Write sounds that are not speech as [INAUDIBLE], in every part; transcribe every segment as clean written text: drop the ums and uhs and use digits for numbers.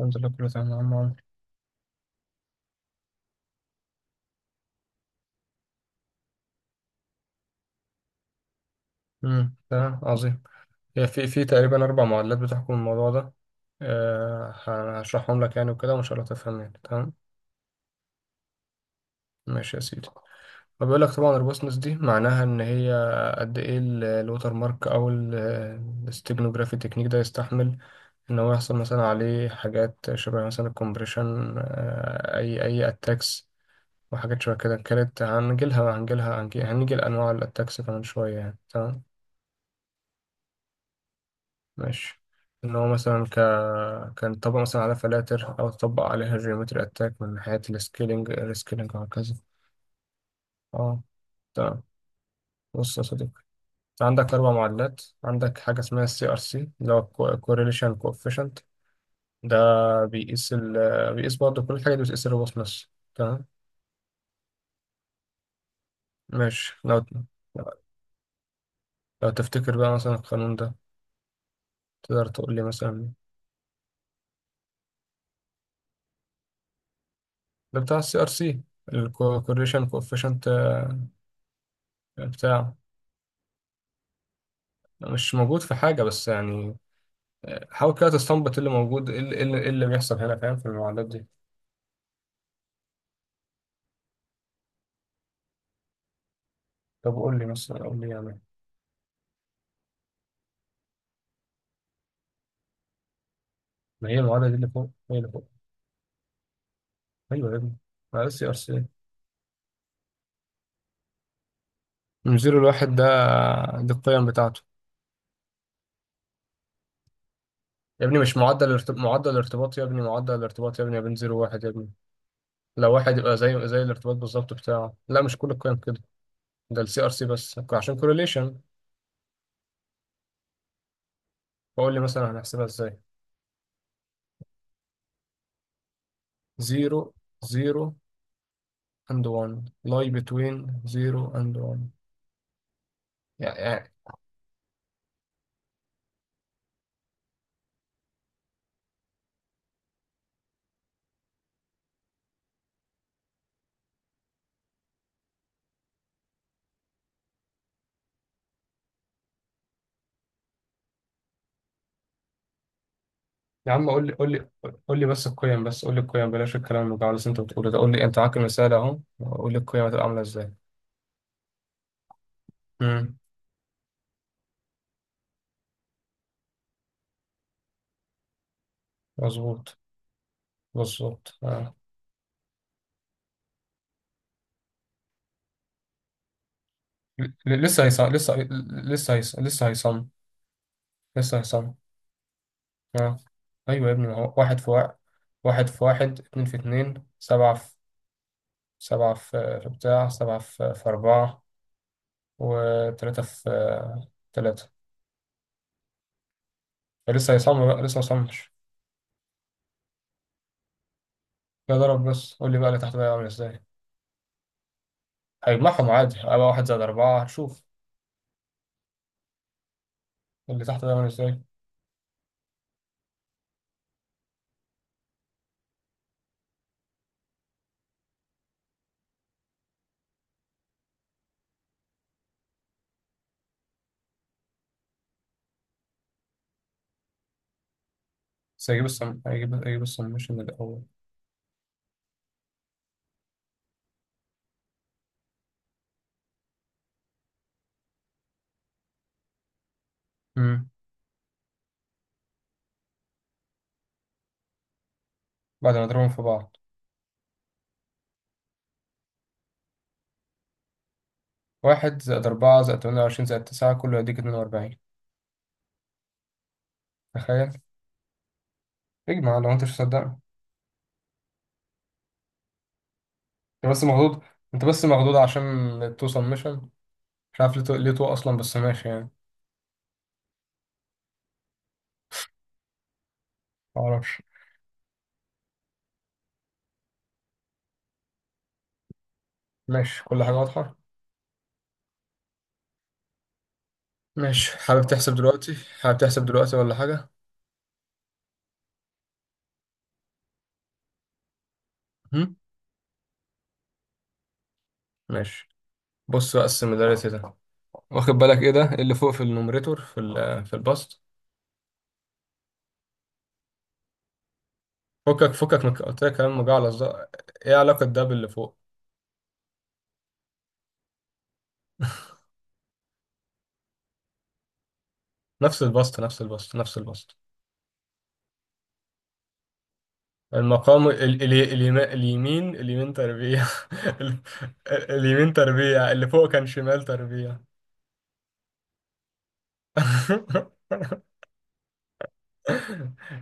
الحمد لله، كله تمام يا عم عمرو. تمام، عظيم. هي في تقريبا اربع معادلات بتحكم الموضوع ده. هشرحهم لك يعني وكده، وان شاء الله تفهم يعني، تمام؟ ماشي يا سيدي. فبيقول لك طبعا الروبوسنس دي معناها ان هي قد ايه الوتر مارك او الاستيجنوجرافي تكنيك ده يستحمل ان هو يحصل مثلا عليه حاجات شبه مثلا الكومبريشن، اي اتاكس. وحاجات شبه كده، كانت هنيجي لانواع الاتاكس كمان شويه، يعني تمام. ماشي. ان هو مثلا كان طبق مثلا على فلاتر او طبق عليها جيومتري اتاك من ناحيه السكيلينج السكيلينج وهكذا. اه، تمام. بص يا صديقي، انت عندك اربع معادلات. عندك حاجه اسمها السي ار سي، اللي هو كوريليشن كوفيشنت ده. بيقيس ال... بيقيس برضه، كل حاجه دي بتقيس الروبوسنس، تمام؟ ماشي. لو تفتكر بقى مثلا القانون ده، تقدر تقول لي مثلا؟ ده بتاع السي ار سي، الكوريليشن كوفيشنت بتاعه. مش موجود في حاجة بس يعني، حاول كده تستنبط إيه اللي موجود، إيه اللي بيحصل هنا، فاهم؟ في المعادلات دي، طب قول لي مثلا، قول لي يعني. ما هي المعادلة دي، اللي فوق هي اللي فوق. أيوه يا ابني. ما ده سي ار سي. من زيرو لواحد ده، دي القيم بتاعته. يا ابني مش معدل الارتب... معدل الارتباط يا ابني، معدل الارتباط يا ابني، يا بين زيرو وواحد يا ابني. لو واحد يبقى زي الارتباط بالظبط بتاعه. لا، مش كل القيم كده. ده السي ار سي بس عشان كورليشن. فقول لي مثلا هنحسبها ازاي؟ زيرو زيرو and 1 lie between 0 and 1 يعني. يا عم، قول لي، قول لي. قول لي بس القيم، بس قول لي القيم، بلاش الكلام اللي بتاع اللي انت بتقوله ده، قول لي انت معاك المثال اهو، قول لي القيم هتبقى عامله ازاي. امم. مظبوط. مظبوط آه. ل- لسه هيصم، لسه لسه هيصم، لسه هيصم. آه. ايوه يا ابني، ما هو واحد في واحد. واحد في واحد، اتنين في اتنين، سبعة في سبعة في في بتاع سبعة في في أربعة وتلاتة في تلاتة. لسه هيصم بقى، لسه مصمش. لا، ضرب بس. قول لي بقى اللي تحت بقى عامل ازاي. هيجمعهم عادي، هيبقى واحد زائد أربعة هنشوف. اللي تحت ده عامل ازاي؟ بس هيجيب السمشن الأول. امم. بعد ما نضربهم في بعض. واحد زائد أربعة زائد تمانية وعشرين زائد تسعة، كله يديك اتنين وأربعين. تخيل. اجمع لو أنت مش مصدقني. أنت بس مخضوض. أنت بس مخضوض عشان تو سمشن. مش عارف ليه تو، ليه تو أصلا، بس ماشي يعني. معرفش. ماشي، كل حاجة واضحة. ماشي، حابب تحسب دلوقتي؟ حابب تحسب دلوقتي ولا حاجة؟ هم؟ ماشي. بص بقى السيميلاريتي ده، واخد بالك ايه ده؟ إيه اللي فوق في النوميريتور، في البسط؟ فكك فكك من قلت لك كلام مجعلص ده. ايه علاقة ده باللي فوق؟ نفس البسط، نفس البسط، نفس البسط. المقام ال ال ال اليمين اليمين تربيع. [LAUGHS] ال- اليمين تربيع، اللي فوق كان شمال تربيع. [LAUGHS]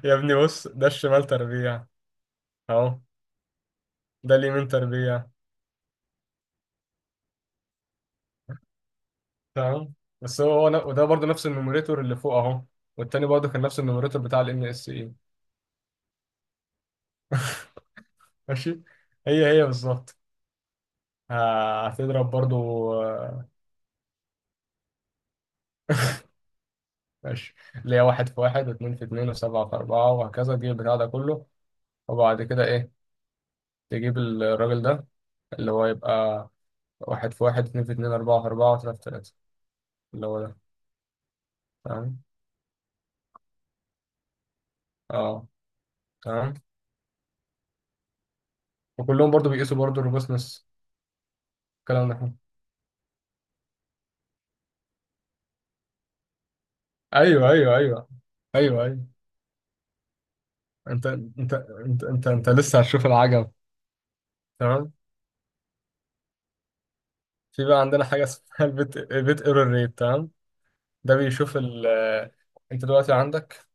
يا ابني بص، ده الشمال تربيع اهو. ده اليمين تربيع. تمام. بس وده برضه نفس النوميريتور اللي فوق اهو. والتاني برضه كان نفس النوميريتور بتاع الام اس اي. [LAUGHS] ماشي. هي بالظبط. هتضرب برضو. ماشي. اللي هي واحد في واحد واثنين في اتنين وسبعة في أربعة وهكذا، تجيب البتاع ده كله. وبعد كده إيه؟ تجيب الراجل ده، اللي هو يبقى واحد في واحد، اتنين في اتنين، أربعة في أربعة، وتلاتة في تلاتة، اللي هو ده. تمام. أه، تمام. وكلهم برضو بيقيسوا برضو الروبوسنس. الكلام ده، أيوه أيوه أيوه. أيوه أيوه. أنت لسه هتشوف العجب. تمام. في بقى عندنا حاجة اسمها بيت ايرور ريت، تمام؟ ده بيشوف ال آه، أنت دلوقتي عندك،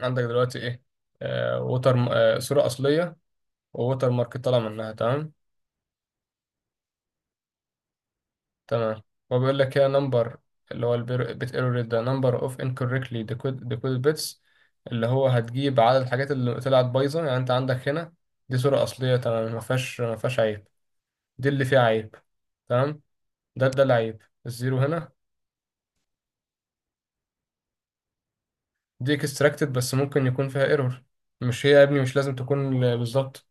عندك دلوقتي ايه؟ آه ووتر آه صورة أصلية، ووتر مارك طالع منها، تمام. تمام. هو بيقول لك هي نمبر، اللي هو البيت ايرور ريت، ده نمبر اوف انكوركتلي ديكودد بيتس. اللي هو هتجيب عدد الحاجات اللي طلعت بايظة يعني. انت عندك هنا، دي صورة أصلية تمام، ما فيهاش عيب. دي اللي فيها عيب. تمام. ده العيب الزيرو هنا. دي اكستراكتد بس ممكن يكون فيها ايرور. مش هي يا ابني، مش لازم تكون بالظبط.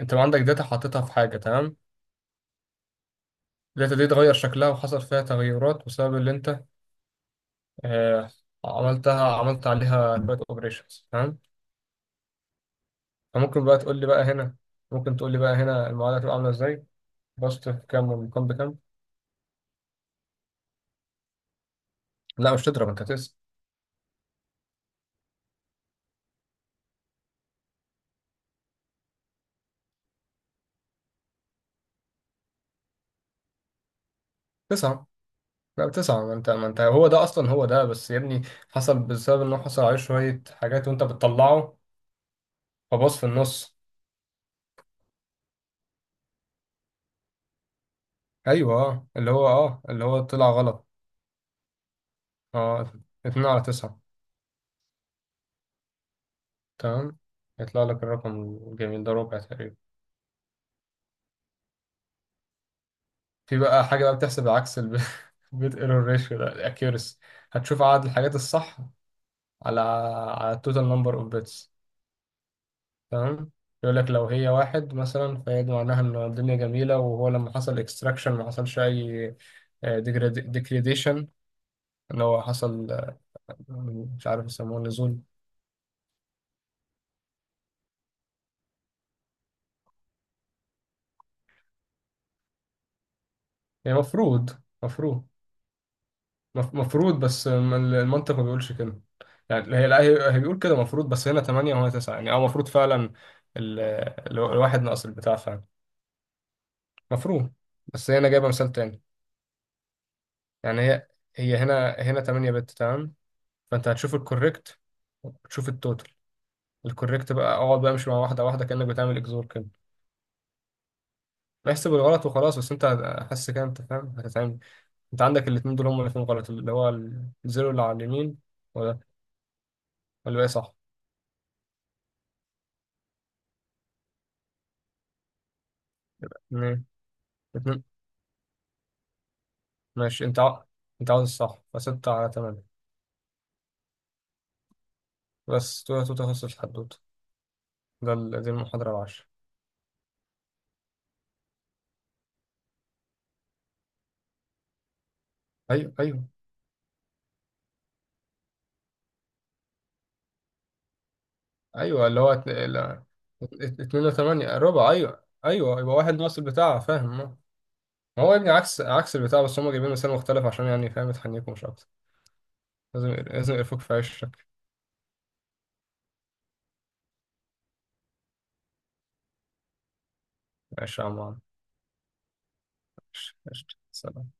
انت لو عندك داتا حاططها في حاجة، تمام؟ الداتا دي اتغير شكلها وحصل فيها تغيرات بسبب اللي انت آه، عملت عليها شوية اوبريشنز، تمام؟ فممكن بقى تقول لي بقى هنا، ممكن تقول لي بقى هنا المعادلة هتبقى عاملة ازاي؟ بسط في كام والمقام بكام؟ لا، مش تضرب انت، تسعة. تسعة. لا تسعة، ما انت هو ده اصلا، هو ده بس يا ابني. حصل بسبب انه حصل عليه شوية حاجات وانت بتطلعه. فباص في النص. ايوه، اه، اللي هو طلع غلط. اه، اتنين على تسعة، تمام. يطلع لك الرقم الجميل ده، ربع تقريبا. في بقى حاجة بقى بتحسب العكس. [LAUGHS] البيت ايرور ريشيو ده الاكيورسي، هتشوف عدد الحاجات الصح على التوتال نمبر اوف بيتس، تمام. يقول لك لو هي واحد مثلا، فهي دي معناها ان الدنيا جميلة، وهو لما حصل اكستراكشن ما حصلش اي ديجريديشن، ان هو حصل، مش عارف يسموه، نزول. هي مفروض. مفروض. مفروض، بس المنطق ما بيقولش كده. يعني هي، لا، هي بيقول كده مفروض، بس هنا 8 وهنا 9 يعني، اه المفروض فعلا ال- الواحد ناقص البتاع فعلا. مفروض، بس هي هنا جايبه مثال تاني. يعني هي، هي هنا 8 بت، تمام. فانت هتشوف الكوريكت وتشوف التوتال، الكوريكت بقى اقعد بقى امشي مع واحده واحده، كانك بتعمل اكزور كده. احسب الغلط وخلاص، بس انت حاسس كده انت فاهم هتتعمل. انت عندك الاثنين دول هم الاثنين غلط، اللي هو الزيرو اللي على اليمين. ولا ولا ايه، صح؟ اتنين. اتنين. ماشي، انت عاوز الصح، فستة على تمانية. بس تو، تخصص الحدوتة. دي المحاضرة العاشرة. ايوه ايوه. ايوه، اللي هو لا، اتنين وتمانية ربع، ايوه ايوه، يبقى واحد ناقص البتاع، فاهم؟ اه. ما هو يا ابني عكس عكس البتاع، بس هم جايبين مثال مختلف عشان يعني فاهم، يتحنيكم مش اكتر. لازم لازم يقرفوك في عشك. عيش يا عم عمرو. عيش، عيش. سلام.